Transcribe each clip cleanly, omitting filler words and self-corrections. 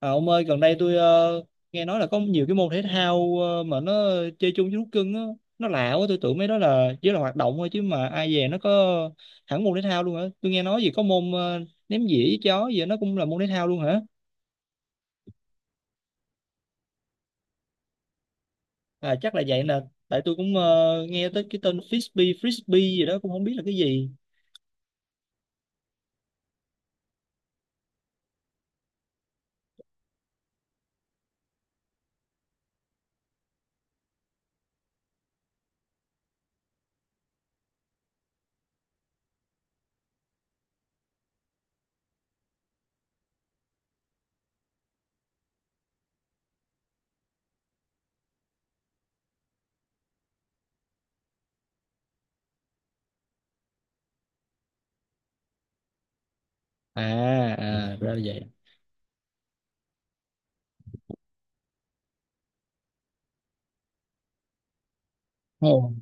À, ông ơi, gần đây tôi nghe nói là có nhiều cái môn thể thao mà nó chơi chung với thú cưng á, nó lạ quá, tôi tưởng mấy đó là chỉ là hoạt động thôi chứ mà ai về nó có hẳn môn thể thao luôn hả? Tôi nghe nói gì có môn ném dĩa với chó gì đó, nó cũng là môn thể thao luôn hả? À chắc là vậy nè, tại tôi cũng nghe tới cái tên frisbee, frisbee gì đó cũng không biết là cái gì. À, à, ra là vậy. Ồ,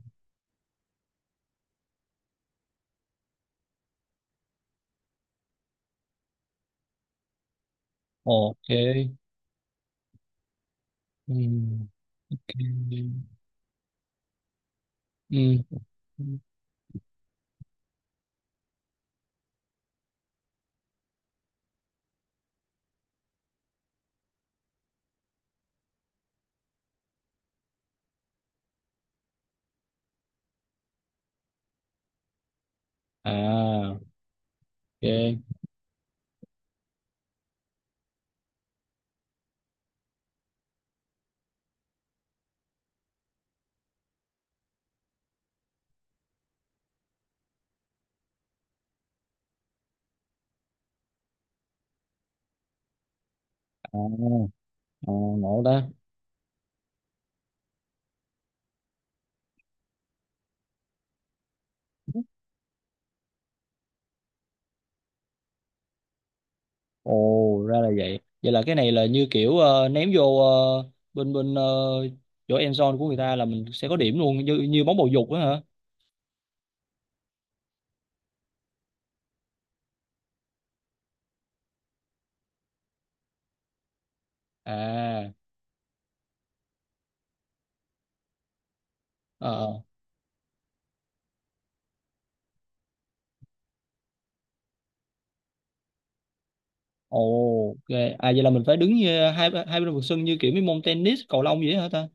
ok. Ừ, ok. Ừ. À, ok. À, à, ngộ đó. Ồ, ra là vậy. Vậy là cái này là như kiểu ném vô bên bên chỗ end zone của người ta là mình sẽ có điểm luôn như như bóng bầu dục á hả? À, ờ. Ồ, ok. À vậy là mình phải đứng như hai hai bên vòng sân như kiểu mấy môn tennis, cầu lông vậy hả ta?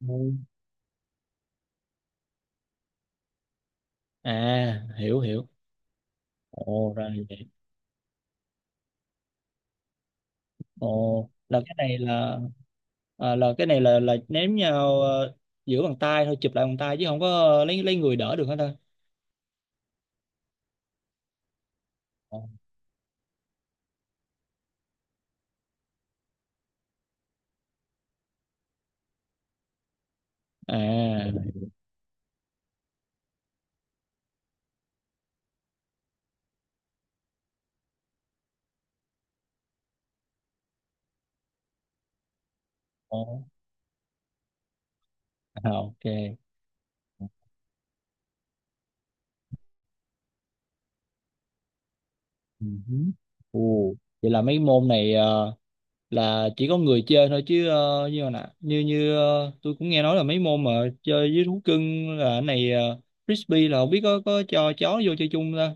Ừ. À, hiểu hiểu. Ồ, ra là vậy. Ồ, là cái này là à, là cái này là ném nhau giữa bàn tay thôi, chụp lại bàn tay chứ không có lấy người đỡ được hết ta? Ồ. À, ồ, à, ok. uh Ồ, vậy là mấy môn này là chỉ có người chơi thôi chứ như nè như như tôi cũng nghe nói là mấy môn mà chơi với thú cưng là cái này frisbee là không biết có cho chó vô chơi chung không ta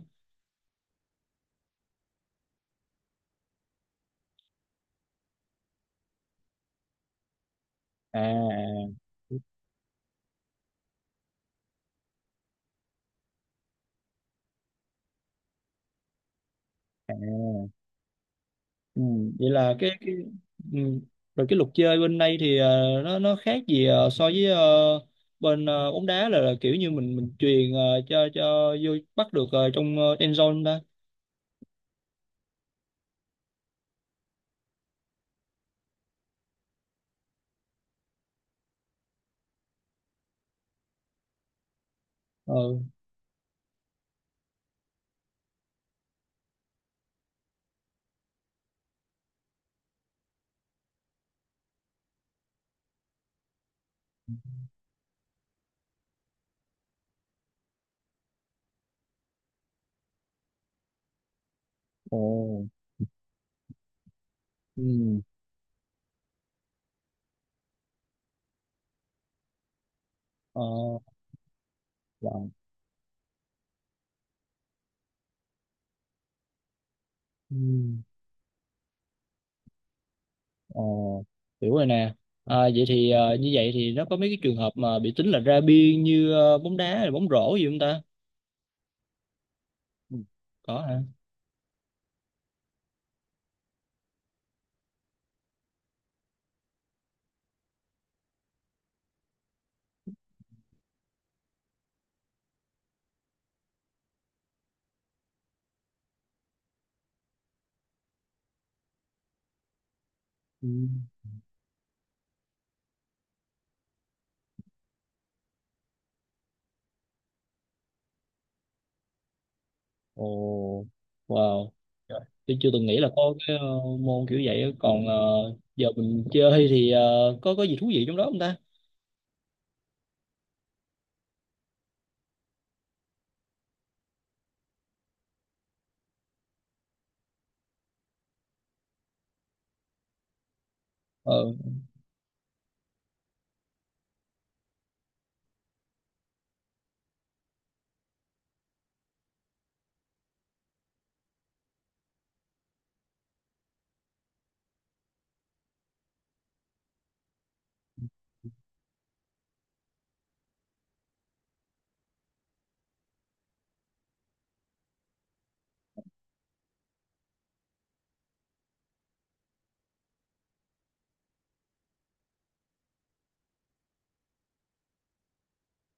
à à ừ, vậy là cái ừ. Rồi cái luật chơi bên đây thì nó khác gì so với bên bóng đá là kiểu như mình chuyền cho vô bắt được trong end zone ta ờ ồ ừ. Ờ, vâng Ừm, ờ, hiểu rồi nè. À, vậy thì như vậy thì nó có mấy cái trường hợp mà bị tính là ra biên như bóng đá hay bóng rổ gì không ta? Ừ. Có hả? Ừ. Ồ, wow. Trời, tôi chưa từng nghĩ là có cái môn kiểu vậy á. Còn giờ mình chơi thì có gì thú vị trong đó không ta? Ờ,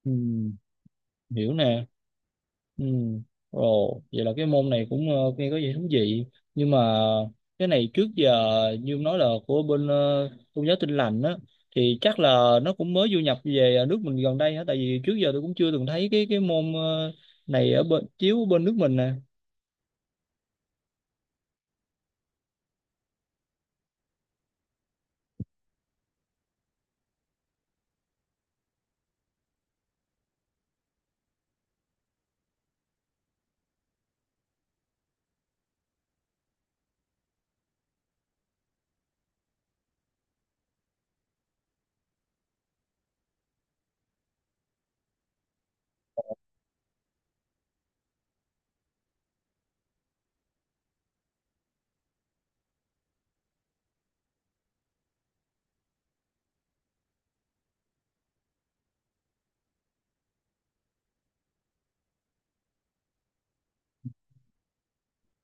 ừm, hiểu nè. Ừ. Ồ, vậy là cái môn này cũng nghe có vẻ thú vị nhưng mà cái này trước giờ như ông nói là của bên tôn giáo Tin Lành á thì chắc là nó cũng mới du nhập về nước mình gần đây hả tại vì trước giờ tôi cũng chưa từng thấy cái môn này ở bên chiếu ở bên nước mình nè.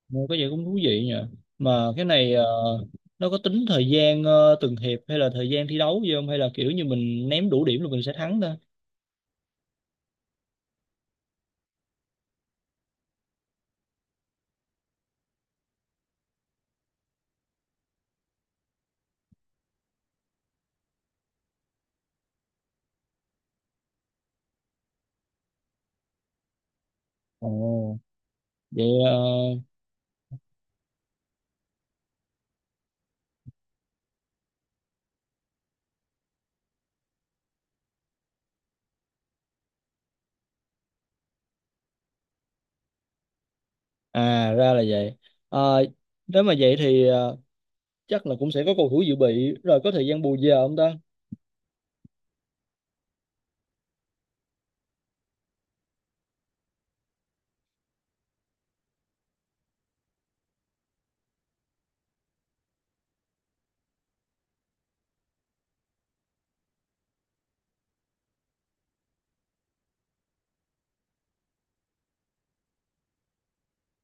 Nghe có vẻ cũng thú vị nhỉ mà cái này nó có tính thời gian từng hiệp hay là thời gian thi đấu gì không hay là kiểu như mình ném đủ điểm là mình sẽ thắng ta. Ồ, vậy ờ, À ra là vậy. Ờ, nếu mà vậy thì chắc là cũng sẽ có cầu thủ dự bị rồi có thời gian bù giờ không ta?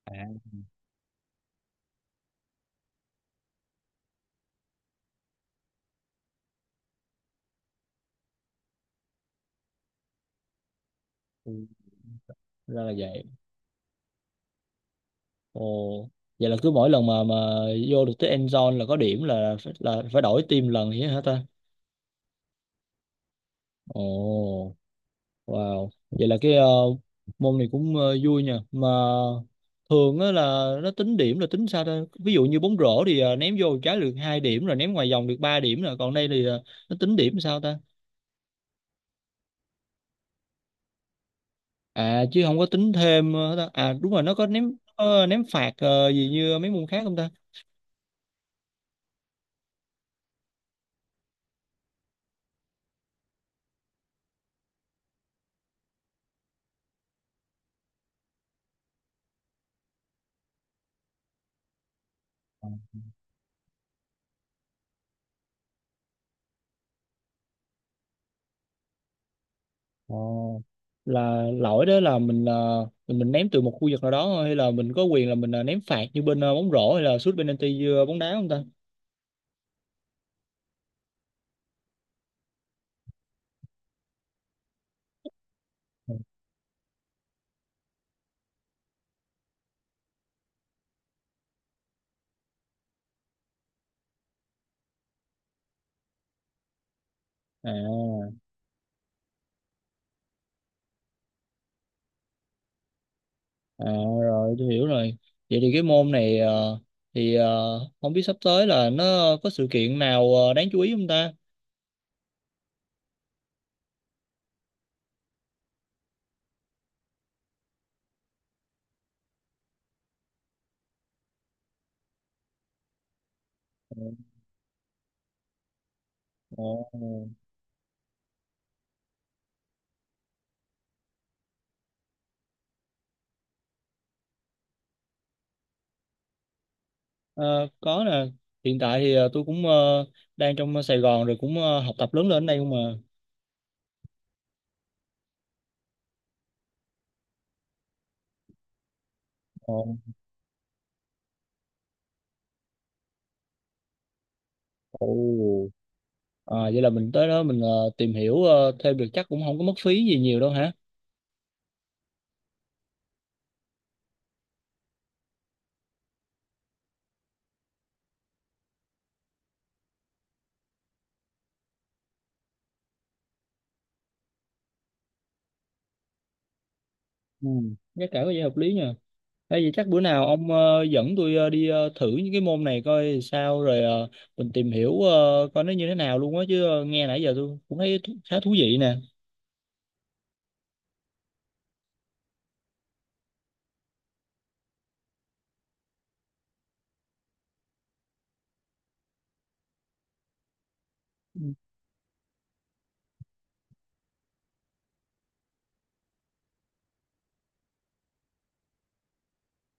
À, ừ, ra là vậy. Ồ, vậy là cứ mỗi lần mà vô được tới end zone là có điểm là phải đổi team lần vậy hả ta? Ồ, wow. Vậy là cái môn này cũng vui nha. Mà thường á là nó tính điểm là tính sao ta? Ví dụ như bóng rổ thì ném vô một trái được 2 điểm rồi ném ngoài vòng được 3 điểm rồi còn đây thì nó tính điểm sao ta? À chứ không có tính thêm hết à đúng rồi nó có ném phạt gì như mấy môn khác không ta. Ờ, là lỗi đó là mình là mình ném từ một khu vực nào đó thôi hay là mình có quyền là mình ném phạt như bên bóng rổ hay là sút penalty như bóng đá không ta à à rồi tôi hiểu rồi. Vậy thì cái môn này thì không biết sắp tới là nó có sự kiện nào đáng chú ý không ta. Ồ. Ờ, có nè hiện tại thì tôi cũng đang trong Sài Gòn rồi cũng học tập lớn lên ở đây không mà. Ồ. Ồ. À, vậy là mình tới đó mình tìm hiểu thêm được chắc cũng không có mất phí gì nhiều đâu hả. Ừ. Giá cả có vẻ hợp lý nha hay vậy chắc bữa nào ông dẫn tôi đi thử những cái môn này coi sao rồi mình tìm hiểu coi nó như thế nào luôn á chứ nghe nãy giờ tôi cũng thấy thú- khá thú vị nè.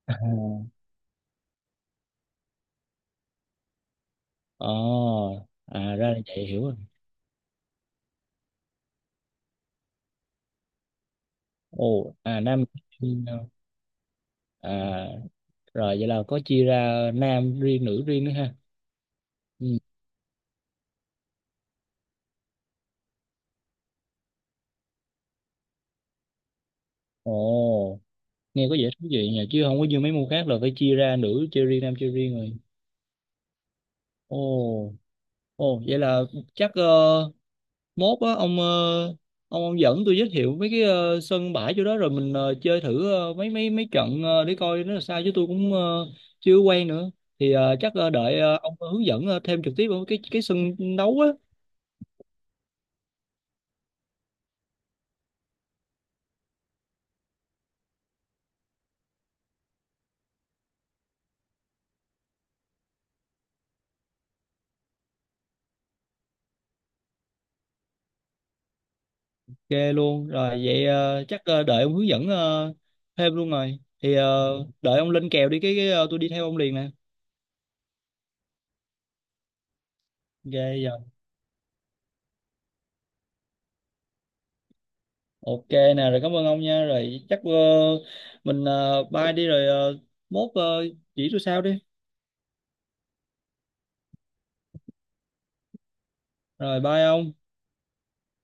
À. Ờ, à ra là vậy hiểu rồi. Ồ, à Nam à rồi vậy là có chia ra nam riêng nữ riêng nữa ha ừ. Ồ nghe có vẻ thú vị nhỉ chứ không có như mấy môn khác là phải chia ra nữ chơi riêng nam chơi riêng rồi ồ ồ vậy là chắc mốt á ông ờ, ông dẫn tôi giới thiệu mấy cái sân bãi chỗ đó rồi mình chơi thử mấy mấy mấy trận để coi nó là sao chứ tôi cũng chưa quen nữa thì chắc đợi ông hướng dẫn thêm trực tiếp ở cái sân đấu á ghê luôn rồi vậy chắc đợi ông hướng dẫn thêm luôn rồi thì đợi ông lên kèo đi cái tôi đi theo ông liền nè ghê giờ ok nè rồi cảm ơn ông nha rồi chắc mình bye đi rồi mốt chỉ tôi sao đi rồi bye ông.